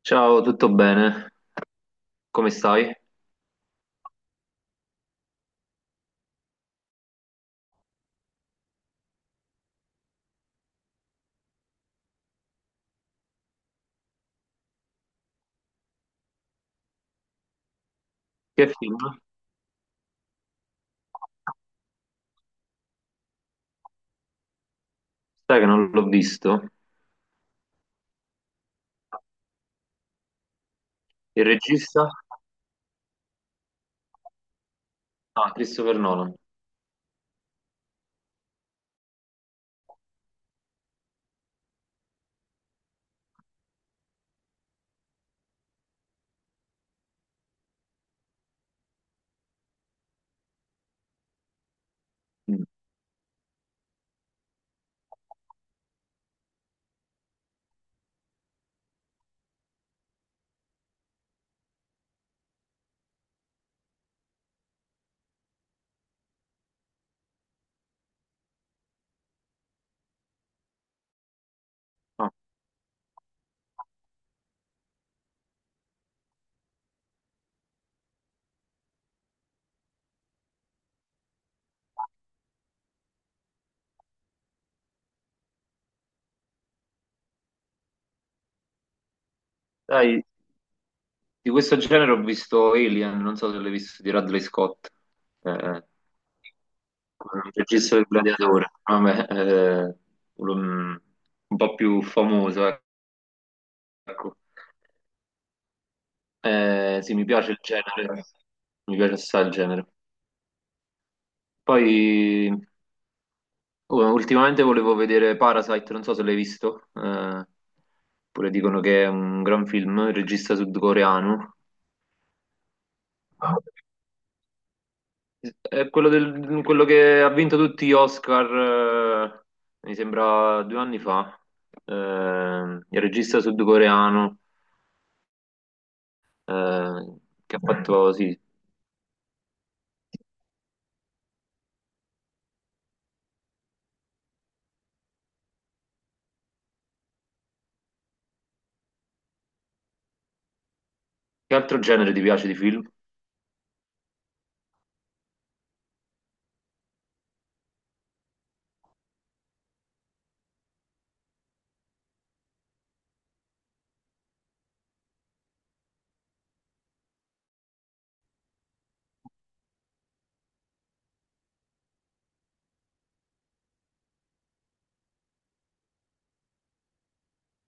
Ciao, tutto bene? Come stai? Che film? Sai che non l'ho visto. Il regista? Ah, Christopher Nolan. Mm. Ah. Dai, di questo genere ho visto Alien, non so se l'hai visto, di Ridley Scott, il regista del Gladiatore. Vabbè, un, un po' più famoso, ecco. Sì, mi piace il genere, mi piace assai il genere. Poi oh, ultimamente volevo vedere Parasite, non so se l'hai visto, pure dicono che è un gran film, il regista sudcoreano. È quello, quello che ha vinto tutti gli Oscar, eh, mi sembra due anni fa, il regista sudcoreano, eh, che ha fatto, sì, che altro genere ti piace di film?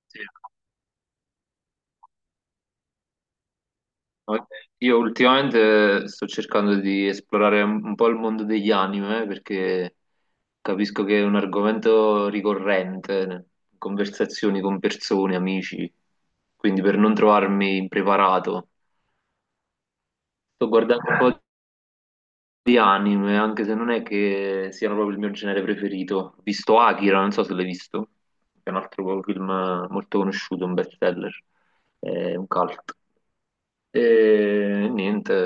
Sì. No, io ultimamente sto cercando di esplorare un po' il mondo degli anime perché capisco che è un argomento ricorrente in conversazioni con persone, amici, quindi per non trovarmi impreparato. Sto guardando un po' di anime, anche se non è che siano proprio il mio genere preferito. Ho visto Akira, non so se l'hai visto, che è un altro film molto conosciuto, un bestseller, è un cult. E niente.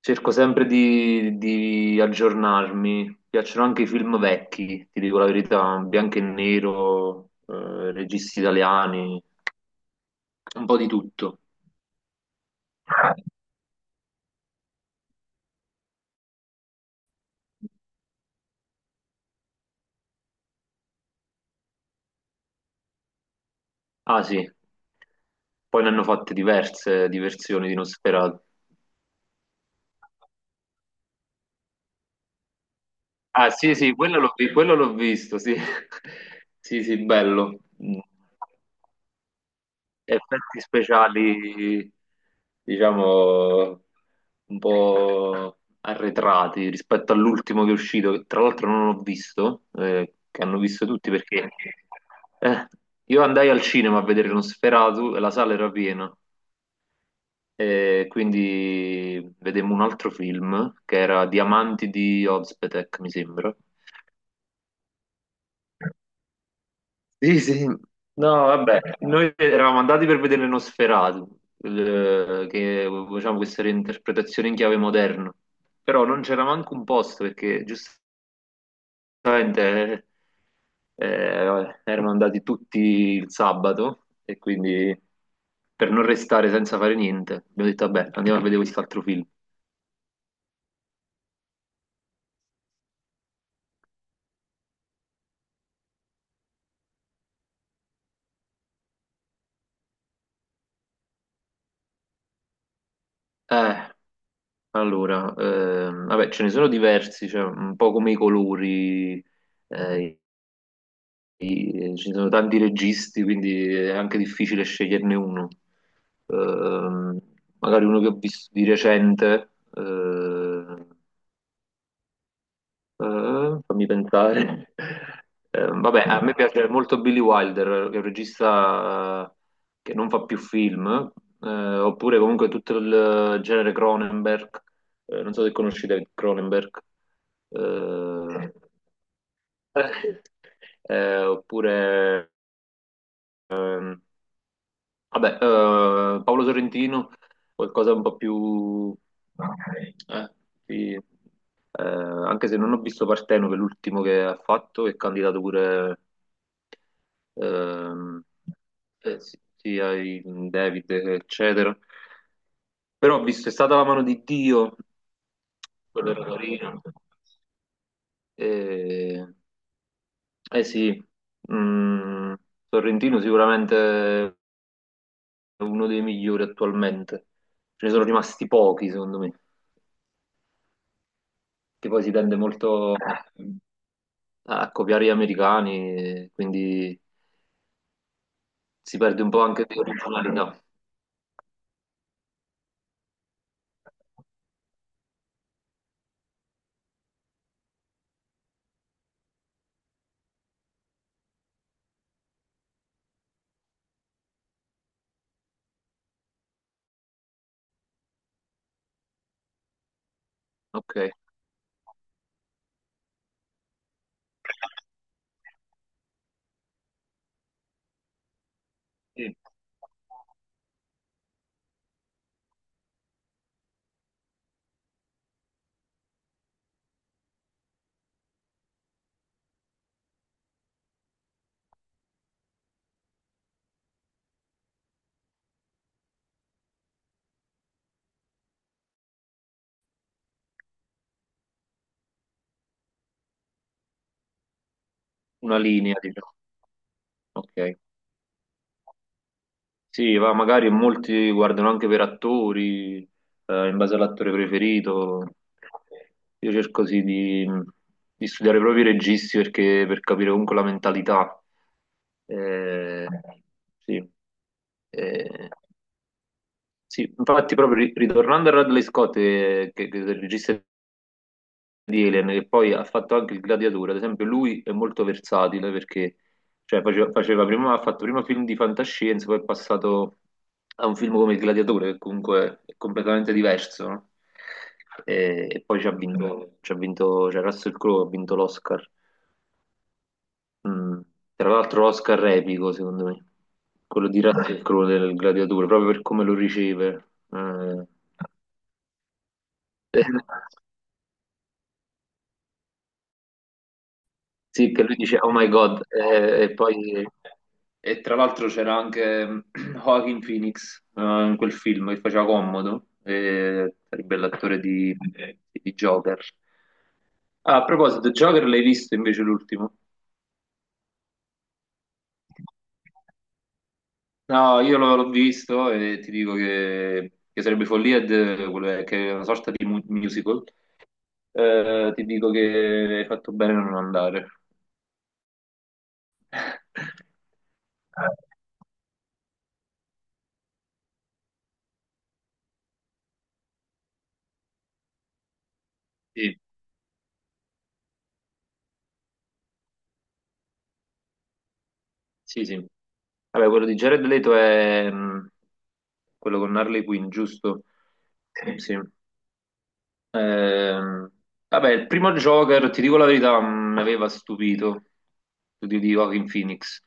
Cerco sempre di aggiornarmi. Mi piacciono anche i film vecchi, ti dico la verità, bianco e nero, registi italiani, un po' di tutto. Ah sì, poi ne hanno fatte diverse di versioni di Nosferatu. Ah sì, sì, quello l'ho visto, sì. Sì, sì, bello. Effetti speciali, diciamo, un po' arretrati rispetto all'ultimo che è uscito, che tra l'altro non ho visto, che hanno visto tutti perché eh, io andai al cinema a vedere Nosferatu e la sala era piena. E quindi vedemmo un altro film che era Diamanti di Özpetek, mi sembra. Sì, sì. No, vabbè, noi eravamo andati per vedere Nosferatu, che facciamo questa reinterpretazione in chiave moderna, però non c'era manco un posto perché giustamente erano andati tutti il sabato e quindi per non restare senza fare niente abbiamo detto vabbè, andiamo a vedere quest'altro film. Eh, allora, vabbè, ce ne sono diversi, cioè, un po' come i colori, eh, ci sono tanti registi, quindi è anche difficile sceglierne uno. Ehm, Magari uno che ho visto di recente, fammi pensare. Vabbè, a me piace molto Billy Wilder, che è un regista che non fa più film, eh, oppure comunque tutto il genere Cronenberg. Non so se conosci David Cronenberg. Eh, oppure ehm, Vabbè, Paolo Sorrentino, qualcosa un po' più... eh, sì, anche se non ho visto Parteno, che è l'ultimo che ha fatto, è candidato pure ehm, sì, sì, ai David, eccetera. Però ho visto È stata la mano di Dio, quello era carino. Eh, eh sì, mm, Sorrentino sicuramente è uno dei migliori attualmente. Ce ne sono rimasti pochi, secondo me. Che poi si tende molto a copiare gli americani, quindi si perde un po' anche di originalità. Ok. Sì. Una linea, diciamo. Ok. Sì, va, magari molti guardano anche per attori, in base all'attore preferito. Io cerco sì di studiare proprio i registi perché, per capire comunque la mentalità. Eh, sì. Eh, Sì, infatti proprio ritornando a Radley Scott, che è il regista di Alien, che poi ha fatto anche il Gladiatore, ad esempio lui è molto versatile perché cioè, ha fatto prima film di fantascienza, poi è passato a un film come il Gladiatore, che comunque è completamente diverso, no? E poi ci ha vinto, cioè Russell Crowe ha vinto l'Oscar, mm, tra l'altro l'Oscar epico secondo me, quello di Russell Crowe del Gladiatore, proprio per come lo riceve. Eh. Sì, che lui dice Oh my God, e poi e tra l'altro c'era anche mm, Joaquin Phoenix in quel film che faceva comodo, e sarebbe l'attore di Joker. Ah, a proposito, Joker l'hai visto invece l'ultimo? No, io l'ho visto e ti dico che sarebbe follia, quello che è una sorta di musical. Ti dico che hai fatto bene a non andare. Sì. Sì, sì. Vabbè, quello di Jared Leto è quello con Harley Quinn, giusto? Sì. Ehm, Vabbè, il primo Joker, ti dico la verità, mi aveva stupito, studio di Joaquin Phoenix.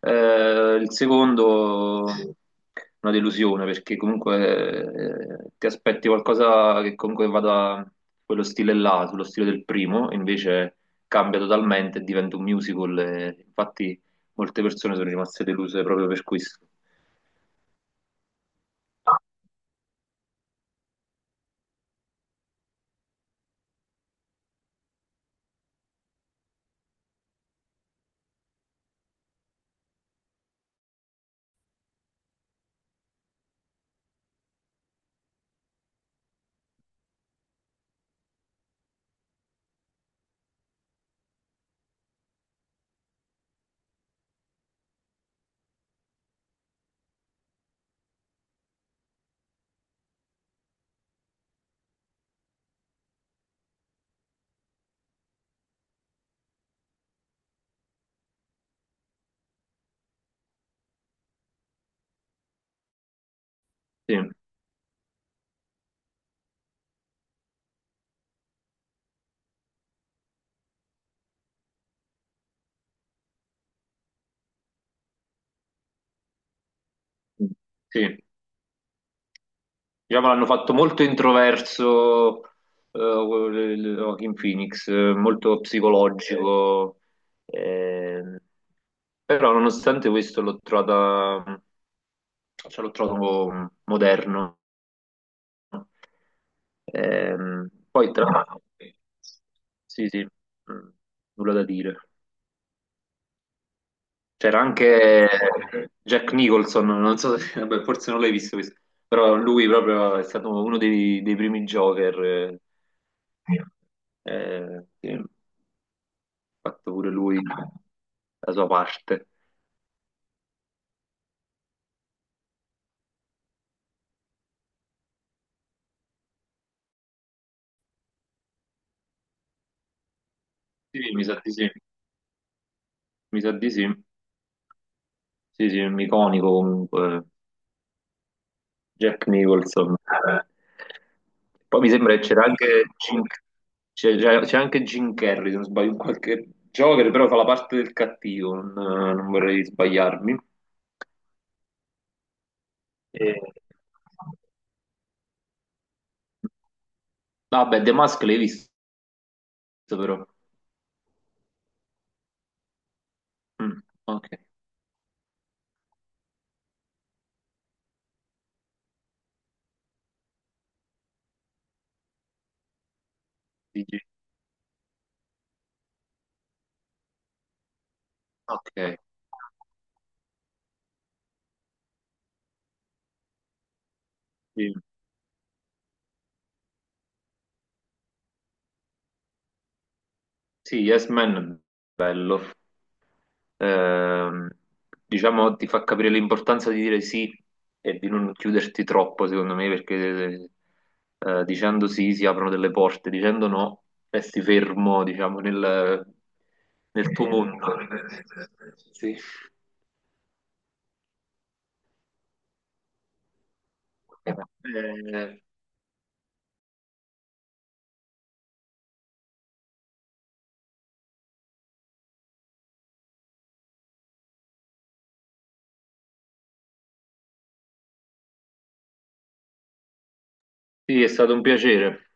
Il secondo, una delusione, perché comunque ti aspetti qualcosa che comunque vada quello stile là, sullo stile del primo, e invece cambia totalmente e diventa un musical. E infatti molte persone sono rimaste deluse proprio per questo. Sì, sì. Diciamo l'hanno fatto molto introverso eh, il- Joaquin Phoenix, molto psicologico. ehm, Però nonostante questo cioè l'ho trovato moderno. Poi tra l'altro, sì, sì, mm, nulla da dire. C'era anche Jack Nicholson, non so se, vabbè, forse non l'hai visto questo, però lui proprio è stato uno dei primi Joker, sì, ha fatto pure lui la sua parte. Sì, mi sa di sì, mi sa di sì, sì, sì, è un iconico comunque. Jack Nicholson. Eh. Poi mi sembra che c'era anche c'è anche Jim Carrey, se non sbaglio, in qualche Joker, però fa la parte del cattivo, non vorrei sbagliarmi. E... Vabbè, The Mask l'hai visto però. Mm, ok. Dici- ok. Sì, sì, Yes Man è bello. ehm, diciamo, ti fa capire l'importanza di dire sì e di non chiuderti troppo, secondo me, perché dicendo sì si aprono delle porte, dicendo no resti fermo, diciamo, nel, nel tuo mondo. Sì. Eh, sì, è stato un piacere.